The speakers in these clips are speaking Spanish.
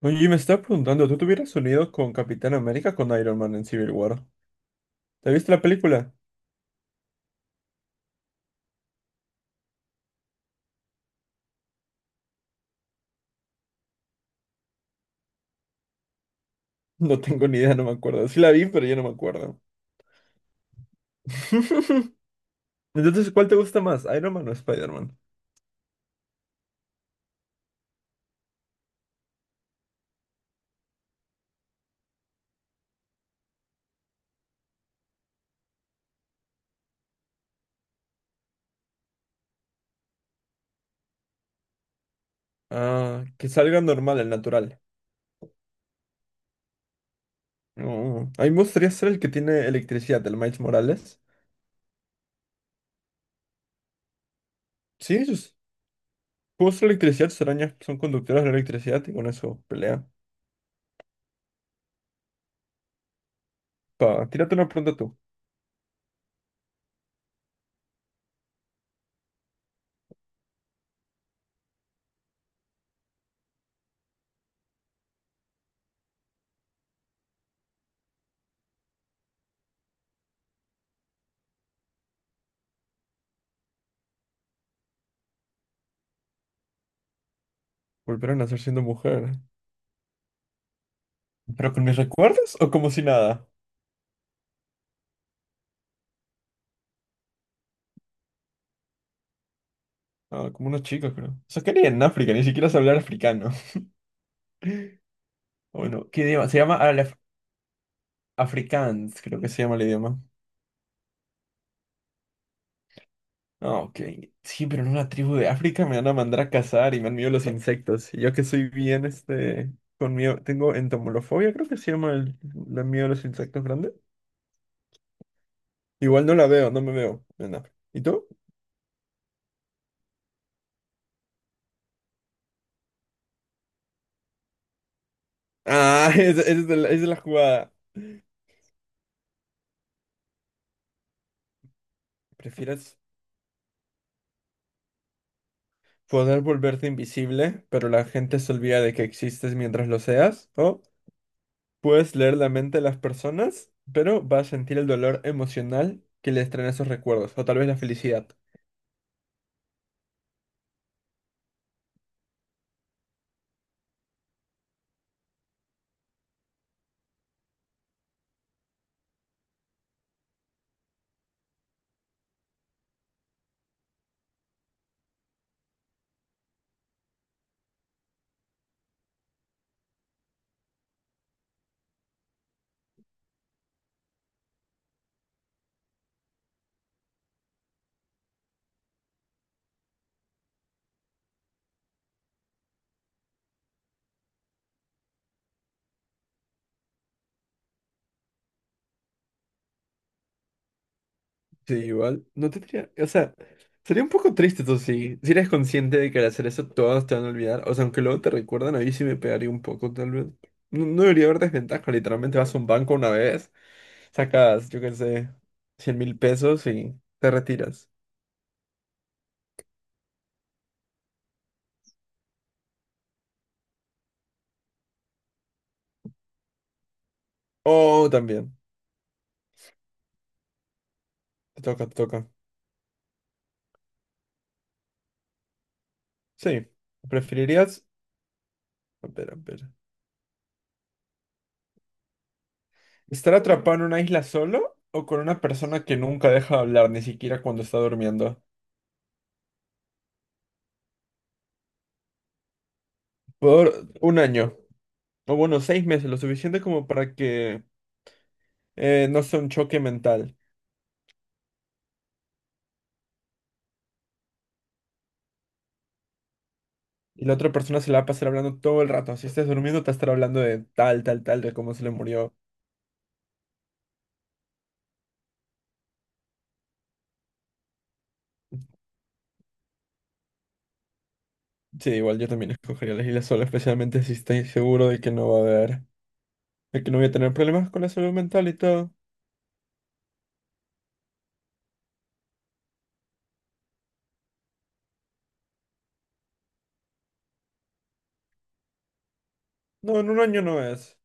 Oye, me estaba preguntando, ¿tú te hubieras unido con Capitán América o con Iron Man en Civil War? ¿Te viste la película? No tengo ni idea, no me acuerdo. Sí la vi, pero ya no me acuerdo. Entonces, ¿cuál te gusta más, Iron Man o Spider-Man? Ah, que salga normal, el natural. Mm, a mí me gustaría ser el que tiene electricidad, el Miles Morales. Sí, sus juegos de electricidad, sus arañas son conductoras de electricidad y con eso pelea. Pa, tírate una pregunta tú. ¿Volver a nacer siendo mujer? ¿Pero con mis recuerdos o como si nada? Ah, como unos chicos, creo. O sea, que ni en África, ni siquiera se hablar africano. Bueno, ¿qué idioma? Se llama Afrikaans, creo que se llama el idioma. Ah, ok. Sí, pero en una tribu de África me van a mandar a cazar y me han miedo los insectos. Y yo que soy bien, con miedo, tengo entomolofobia, creo que se llama el, la miedo a los insectos grande. Igual no la veo, no me veo en África. ¿Y tú? Ah, esa es, de la, esa es la jugada. ¿Prefieres poder volverte invisible, pero la gente se olvida de que existes mientras lo seas, o puedes leer la mente de las personas, pero vas a sentir el dolor emocional que les traen esos recuerdos, o tal vez la felicidad? Sí, igual. No tendría, o sea, sería un poco triste tú sí. Si eres consciente de que al hacer eso todos te van a olvidar, o sea, aunque luego te recuerdan, a mí sí me pegaría un poco, tal vez. No, no debería haber desventaja, literalmente vas a un banco una vez, sacas, yo qué sé, 100.000 pesos y te retiras. O también, te toca, te toca. Sí, preferirías... Espera, espera. ¿Estar atrapado en una isla solo o con una persona que nunca deja de hablar, ni siquiera cuando está durmiendo? Por un año, o bueno, 6 meses, lo suficiente como para que no sea un choque mental. Y la otra persona se la va a pasar hablando todo el rato. Si estás durmiendo, te va a estar hablando de tal, tal, tal, de cómo se le murió. Sí, igual yo también escogería la isla sola, especialmente si estoy seguro de que no va a haber, de que no voy a tener problemas con la salud mental y todo. No, en un año no es.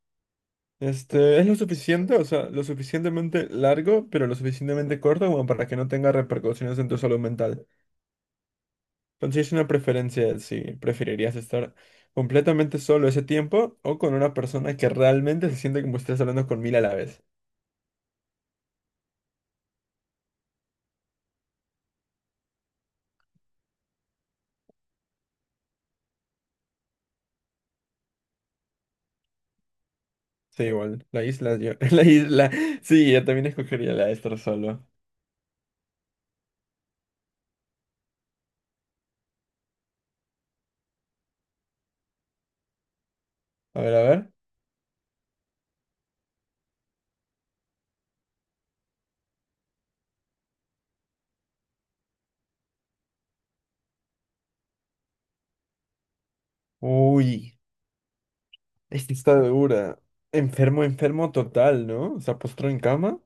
Es lo suficiente, o sea, lo suficientemente largo, pero lo suficientemente corto como para que no tenga repercusiones en tu salud mental. Entonces sí es una preferencia de si preferirías estar completamente solo ese tiempo o con una persona que realmente se siente como si estás hablando con 1.000 a la vez. Sí, igual, la isla, yo, la isla, sí, yo también escogería la de estar solo. A ver, a ver. Uy, esta está dura. Enfermo, enfermo total, ¿no? O sea, postró en cama.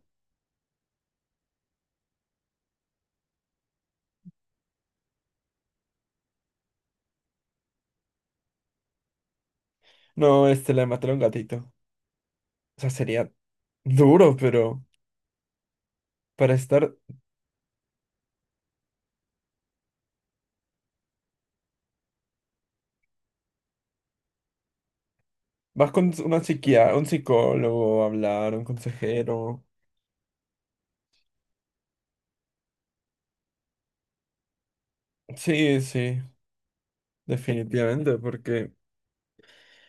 No, le mataron un gatito. O sea, sería duro, pero para estar, vas con una psiquia, un psicólogo a hablar, un consejero. Sí, sí, definitivamente, porque,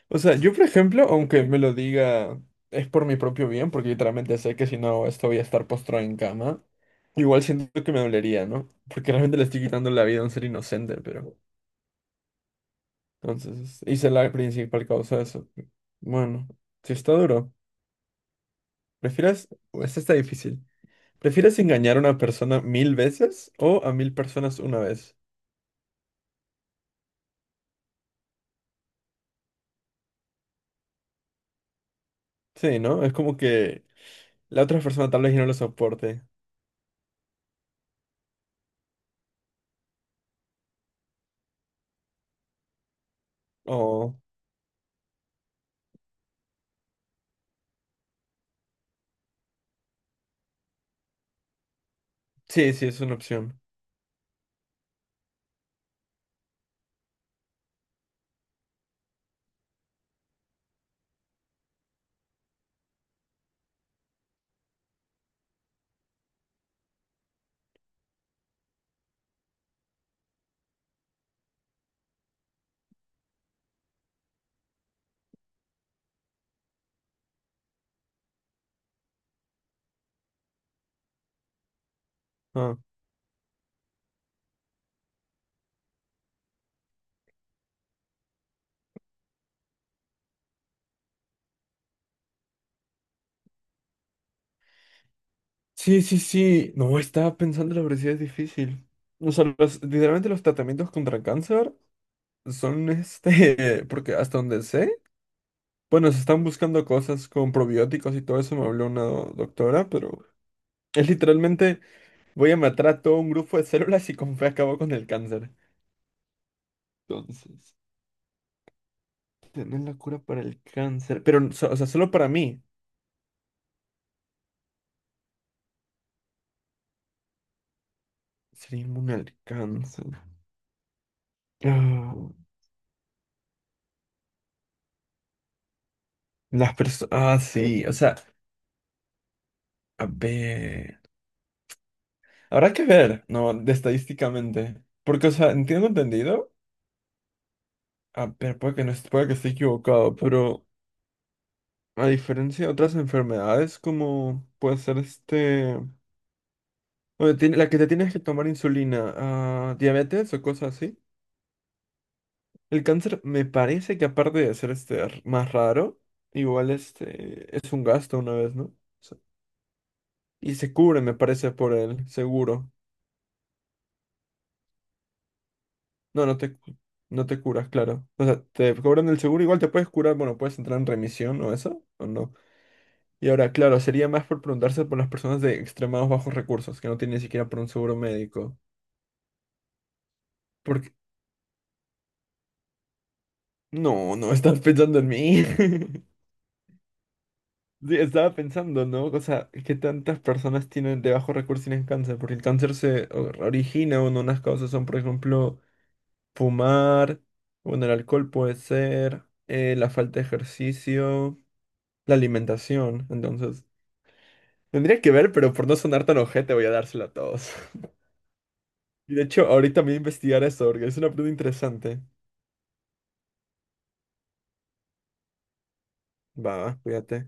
o sea, yo por ejemplo, aunque me lo diga, es por mi propio bien, porque literalmente sé que si no hago esto voy a estar postrado en cama. Igual siento que me dolería, ¿no? Porque realmente le estoy quitando la vida a un ser inocente, pero entonces hice la principal causa de eso. Bueno, si está duro, prefieres, o esta está difícil. ¿Prefieres engañar a una persona 1.000 veces o a 1.000 personas una vez? Sí, ¿no? Es como que la otra persona tal vez ya no lo soporte. Oh, sí, sí, es una opción. Ah. Sí, sí, sí. No, estaba pensando la obesidad es difícil. O sea, literalmente los tratamientos contra el cáncer son porque hasta donde sé, bueno, se están buscando cosas con probióticos y todo eso, me habló una doctora, pero es literalmente voy a matar a todo un grupo de células y con fe acabo con el cáncer. Entonces. Tener la cura para el cáncer. Pero, o sea, solo para mí. Ser inmune al cáncer. Ah, las personas. Ah, sí. O sea, a ver. Habrá que ver, ¿no? De estadísticamente. Porque, o sea, entiendo entendido. A ver, puede que no, puede que esté equivocado, pero a diferencia de otras enfermedades, como puede ser o la que te tienes que tomar insulina, ah, diabetes o cosas así. El cáncer me parece que aparte de ser más raro, igual este es un gasto una vez, ¿no? O sea, y se cubre, me parece, por el seguro. No, no te, no te curas, claro. O sea, te cobran el seguro, igual te puedes curar, bueno, puedes entrar en remisión o eso, o no. Y ahora, claro, sería más por preguntarse por las personas de extremados bajos recursos, que no tienen ni siquiera por un seguro médico. Porque, no, no estás pensando en mí. Sí, estaba pensando, ¿no? O sea, que tantas personas tienen de bajos recursos tienen cáncer, porque el cáncer se origina, bueno, unas causas son, por ejemplo, fumar, bueno, el alcohol puede ser, la falta de ejercicio, la alimentación, entonces, tendría que ver, pero por no sonar tan ojete voy a dárselo a todos. Y de hecho, ahorita me voy a investigar eso, porque es una pregunta interesante. Va, va, cuídate.